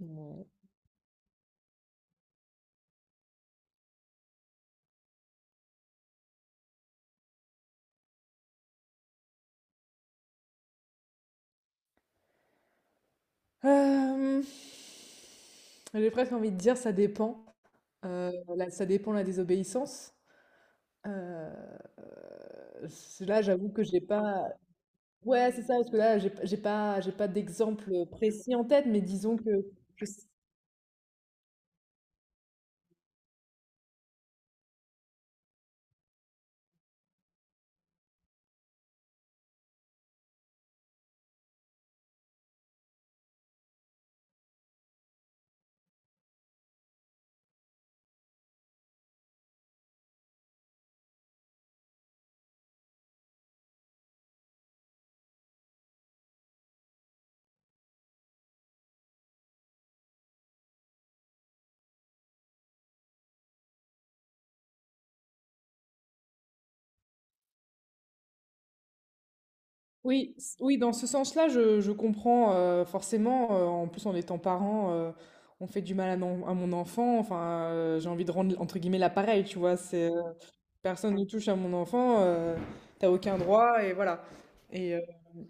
Ouais. Euh, j'ai presque envie de dire ça dépend. Là, ça dépend la désobéissance. Euh, Là, j'avoue que j'ai pas. Ouais, c'est ça, parce que là, j'ai pas d'exemple précis en tête, mais disons que je oui, dans ce sens-là, je comprends, forcément. En plus, en étant parent, on fait du mal à mon enfant. Enfin, j'ai envie de rendre entre guillemets l'appareil, tu vois. C'est personne ne touche à mon enfant, t'as aucun droit, et voilà. Et, euh,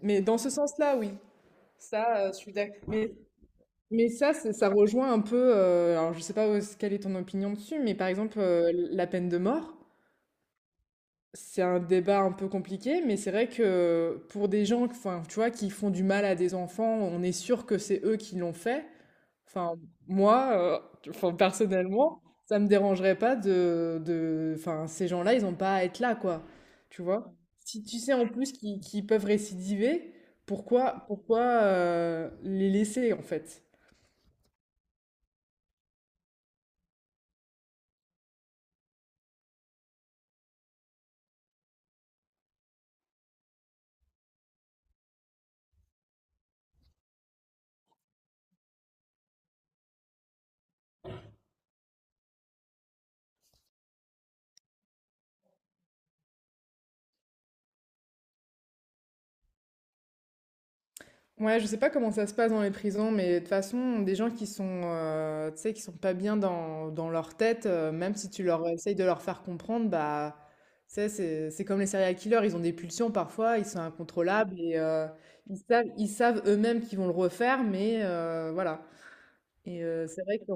mais dans ce sens-là, oui, ça, je suis d'accord. Mais ça, ça rejoint un peu, alors je sais pas quelle est ton opinion dessus, mais par exemple, la peine de mort, c'est un débat un peu compliqué, mais c'est vrai que pour des gens, enfin, tu vois, qui font du mal à des enfants, on est sûr que c'est eux qui l'ont fait. Enfin, moi, enfin, personnellement, ça me dérangerait pas enfin, ces gens-là, ils n'ont pas à être là, quoi. Tu vois? Si tu sais en plus qu'ils peuvent récidiver, pourquoi les laisser, en fait? Ouais, je sais pas comment ça se passe dans les prisons, mais de toute façon, des gens qui sont, tu sais, qui sont pas bien dans leur tête, même si tu leur essayes de leur faire comprendre, bah, tu sais, c'est comme les serial killers, ils ont des pulsions parfois, ils sont incontrôlables et ils savent eux-mêmes qu'ils vont le refaire, mais voilà. Et c'est vrai que,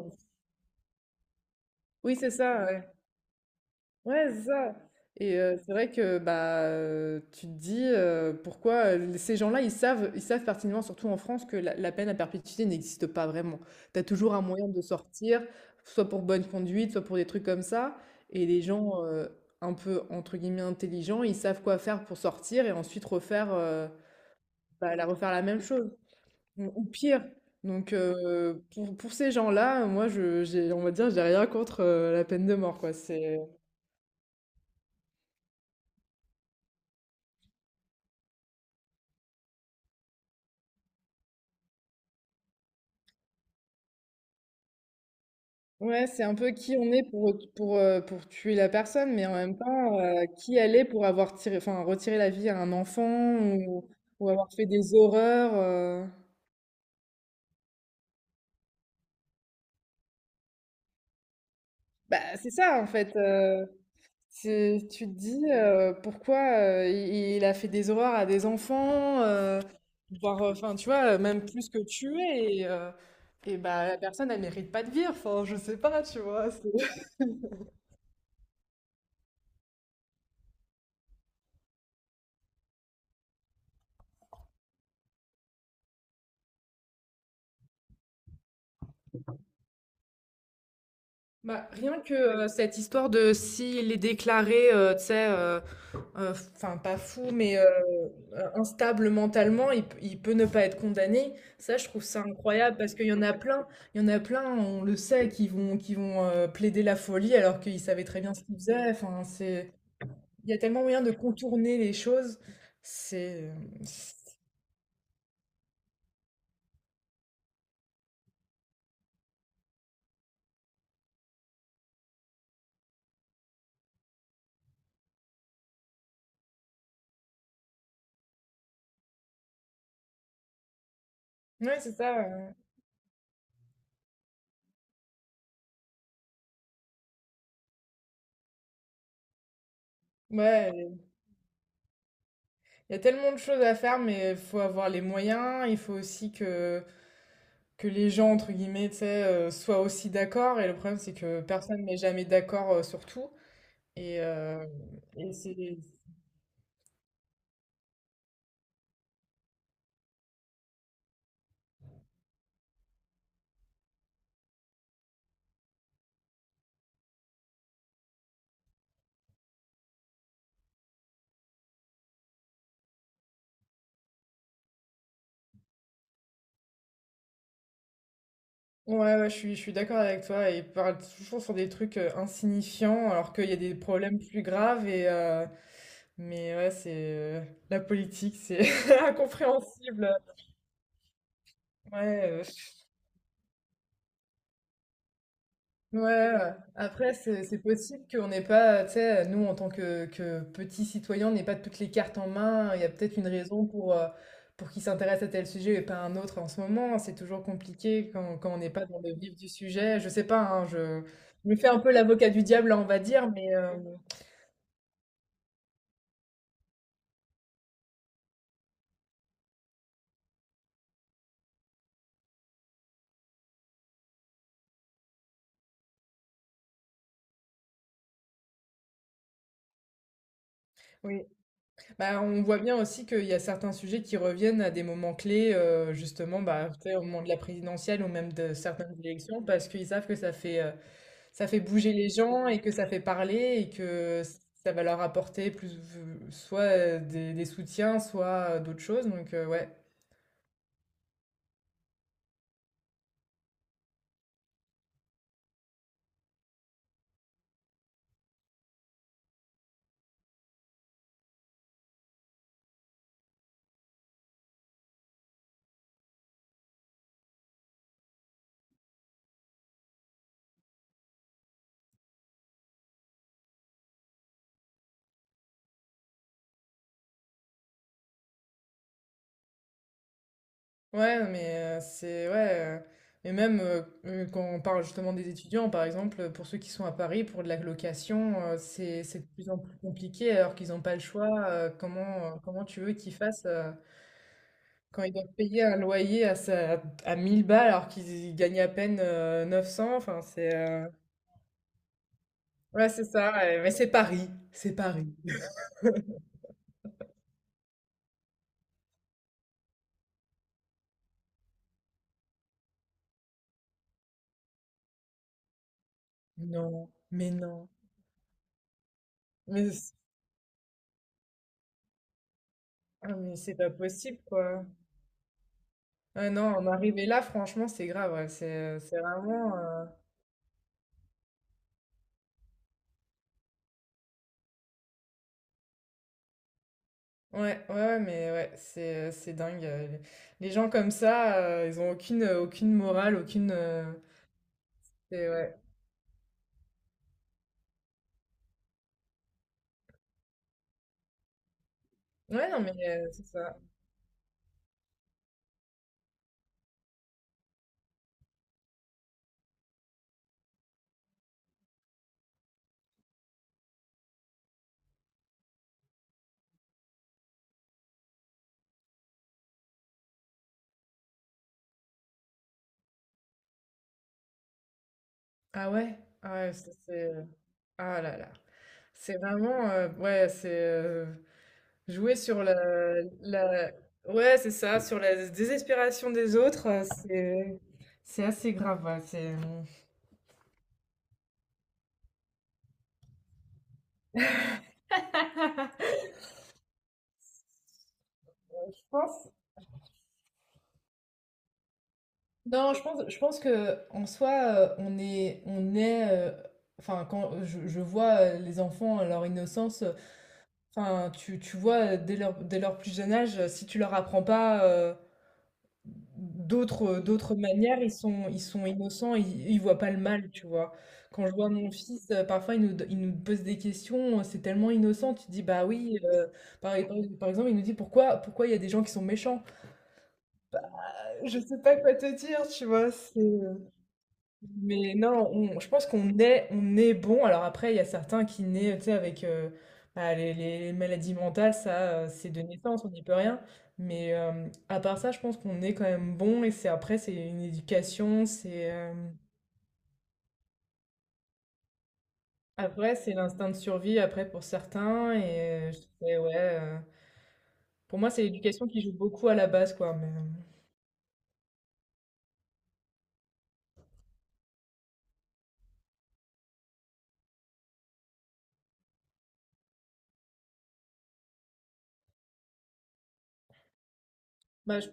oui, c'est ça. Ouais. Ouais, c'est ça. Et c'est vrai que bah, tu te dis, pourquoi, ces gens-là ils savent pertinemment, surtout en France, que la peine à perpétuité n'existe pas vraiment. Tu as toujours un moyen de sortir, soit pour bonne conduite, soit pour des trucs comme ça. Et les gens, un peu entre guillemets intelligents, ils savent quoi faire pour sortir et ensuite la refaire la même chose ou pire. Donc, pour ces gens-là, moi je j'ai, on va dire, j'ai rien contre, la peine de mort, quoi. C'est Ouais, c'est un peu qui on est pour tuer la personne, mais en même temps, qui elle est pour avoir tiré, enfin, retiré la vie à un enfant, ou, ou avoir fait des horreurs. Bah, c'est ça, en fait. Tu te dis, pourquoi, il a fait des horreurs à des enfants, voire, enfin, tu vois, même plus que tuer. Et bah, la personne, elle mérite pas de vivre. Enfin, je sais pas, tu vois. Bah, rien que, cette histoire de s'il est déclaré, tu sais, enfin pas fou, mais, instable mentalement, il peut ne pas être condamné. Ça, je trouve ça incroyable parce qu'il y en a plein, il y en a plein, on le sait, qui vont plaider la folie alors qu'ils savaient très bien ce qu'ils faisaient. Il y a tellement moyen de contourner les choses. C'est, euh, ouais, c'est ça. Ouais, Ouais, il y a tellement de choses à faire, mais il faut avoir les moyens. Il faut aussi que les gens, entre guillemets, tu sais, soient aussi d'accord. Et le problème, c'est que personne n'est jamais d'accord sur tout. Et, euh, et c'est... Ouais, ouais, je suis d'accord avec toi. Et ils parlent toujours sur des trucs insignifiants, alors qu'il y a des problèmes plus graves. Mais ouais, la politique, c'est incompréhensible. Ouais. Ouais, ouais. Après, c'est possible qu'on n'ait pas, tu sais, nous, en tant que, petits citoyens, on n'ait pas toutes les cartes en main. Il y a peut-être une raison pour qu'ils s'intéressent à tel sujet et pas à un autre en ce moment. C'est toujours compliqué quand on n'est pas dans le vif du sujet. Je sais pas, hein, je me fais un peu l'avocat du diable, là, on va dire, mais oui. Bah, on voit bien aussi qu'il y a certains sujets qui reviennent à des moments clés, justement, bah, tu sais, au moment de la présidentielle ou même de certaines élections, parce qu'ils savent que ça fait bouger les gens et que ça fait parler et que ça va leur apporter plus, soit des soutiens, soit d'autres choses. Donc, ouais. Ouais, non, mais c'est ouais. Mais même quand on parle justement des étudiants, par exemple, pour ceux qui sont à Paris, pour de la location, c'est de plus en plus compliqué alors qu'ils n'ont pas le choix. Comment tu veux qu'ils fassent, quand ils doivent payer un loyer à, à 1 000 balles alors qu'ils gagnent à peine, 900? Enfin, ouais, c'est ça, ouais, mais c'est Paris, c'est Paris. Non, mais non, mais, c- ah, mais c'est pas possible, quoi. Ah non, en arriver là, franchement, c'est grave, ouais, c'est vraiment... Ouais, ouais, ouais, mais ouais, c'est dingue. Les gens comme ça, ils ont aucune, aucune morale, aucune... Ouais. Ouais, non, mais, c'est ça. Ah ouais, ah ouais, ça, Ah là là, c'est vraiment... ouais, Jouer sur la... Ouais, c'est ça, sur la désespération des autres, c'est assez grave, ouais, c'est... Je pense... Non, je pense que en soi, on est, enfin, quand je vois, les enfants, leur innocence, enfin, tu vois, dès leur plus jeune âge, si tu leur apprends pas, d'autres manières, ils sont innocents, ils voient pas le mal, tu vois. Quand je vois mon fils, parfois, il nous pose des questions, c'est tellement innocent, tu te dis, bah oui, par exemple, il nous dit, pourquoi il y a des gens qui sont méchants? Je sais pas quoi te dire, tu vois, mais non, je pense qu'on est bon. Alors après, il y a certains qui naissent, tu sais, avec bah, les maladies mentales, ça, c'est de naissance, on n'y peut rien. Mais à part ça, je pense qu'on est quand même bon. Et c'est après, c'est une éducation, c'est après, c'est l'instinct de survie après pour certains. Et je dirais, ouais, pour moi, c'est l'éducation qui joue beaucoup à la base, quoi. Mais, Bah, je-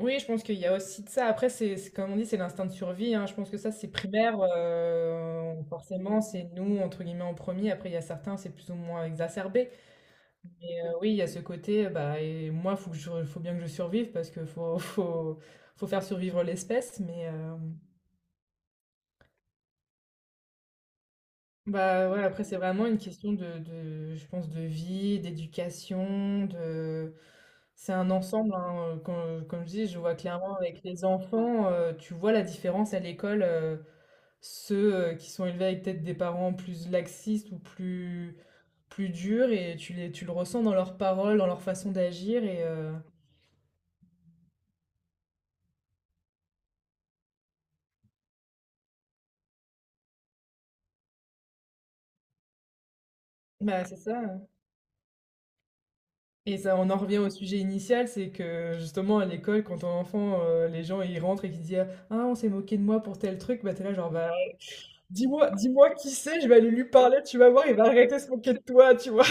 oui, je pense qu'il y a aussi de ça. Après, comme on dit, c'est l'instinct de survie, hein. Je pense que ça, c'est primaire. Forcément, c'est nous, entre guillemets, en premier. Après, il y a certains, c'est plus ou moins exacerbé. Mais oui, il y a ce côté, bah, et moi, il faut que je- faut bien que je survive parce que faut faire survivre l'espèce. Bah, ouais, après, c'est vraiment une question je pense, de vie, d'éducation, de... C'est un ensemble, hein. Comme je dis, je vois clairement avec les enfants, tu vois la différence à l'école, ceux qui sont élevés avec peut-être des parents plus laxistes ou plus durs, et tu le ressens dans leurs paroles, dans leur façon d'agir, et bah, c'est ça, hein. Et ça, on en revient au sujet initial, c'est que justement à l'école, quand on est enfant, les gens ils rentrent et qu'ils disent «Ah, on s'est moqué de moi pour tel truc», bah t'es là genre «Bah, dis-moi qui c'est, je vais aller lui parler, tu vas voir, il va arrêter de se moquer de toi», tu vois.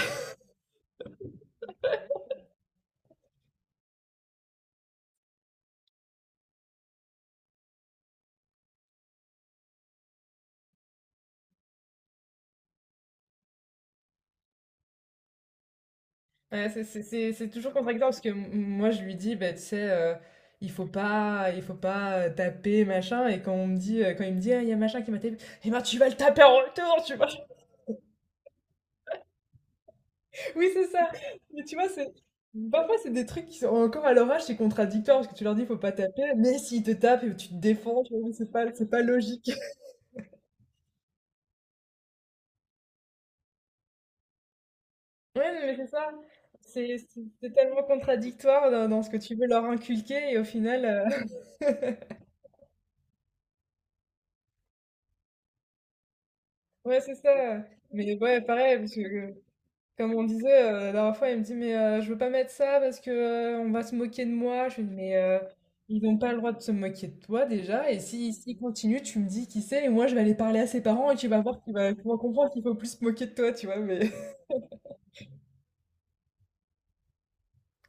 Ouais, c'est toujours contradictoire parce que moi je lui dis «Bah, tu sais, il faut pas taper, machin», et quand il me dit «Ah, il y a machin qui m'a tapé», eh ben tu vas le taper en retour, tu vois. Oui, c'est ça. Mais tu vois, c'est parfois c'est des trucs qui sont encore à leur âge, c'est contradictoire parce que tu leur dis faut pas taper, mais s'ils te tapent et tu te défends, tu vois, c'est pas logique. Ouais, non, mais c'est ça. C'est tellement contradictoire dans ce que tu veux leur inculquer et au final, ouais, c'est ça. Mais ouais, pareil, parce que comme on disait, la dernière fois, il me dit: «Mais je veux pas mettre ça parce que, on va se moquer de moi». Je lui dis: «Mais ils n'ont pas le droit de se moquer de toi déjà et si s'ils continuent, tu me dis qui c'est et moi je vais aller parler à ses parents et tu vas voir, qu'il va tu vas comprendre qu'il faut plus se moquer de toi», tu vois? Mais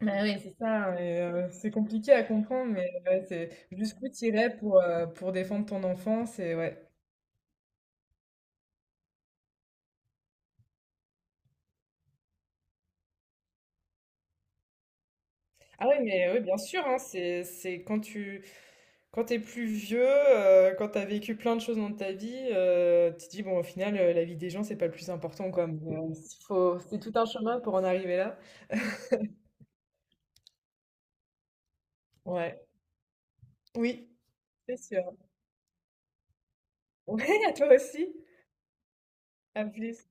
bah oui, c'est ça, hein, et c'est compliqué à comprendre, mais ouais, c'est jusqu'où tu irais pour défendre ton enfant, c'est ouais. Ah oui, mais oui, bien sûr, hein, c'est quand tu Quand t'es plus vieux, quand t'as vécu plein de choses dans ta vie, tu te dis: «Bon, au final, la vie des gens, c'est pas le plus important, quoi». Mais, s faut c'est tout un chemin pour en arriver là. Ouais. Oui, c'est sûr. Ouais, à toi aussi. À plus.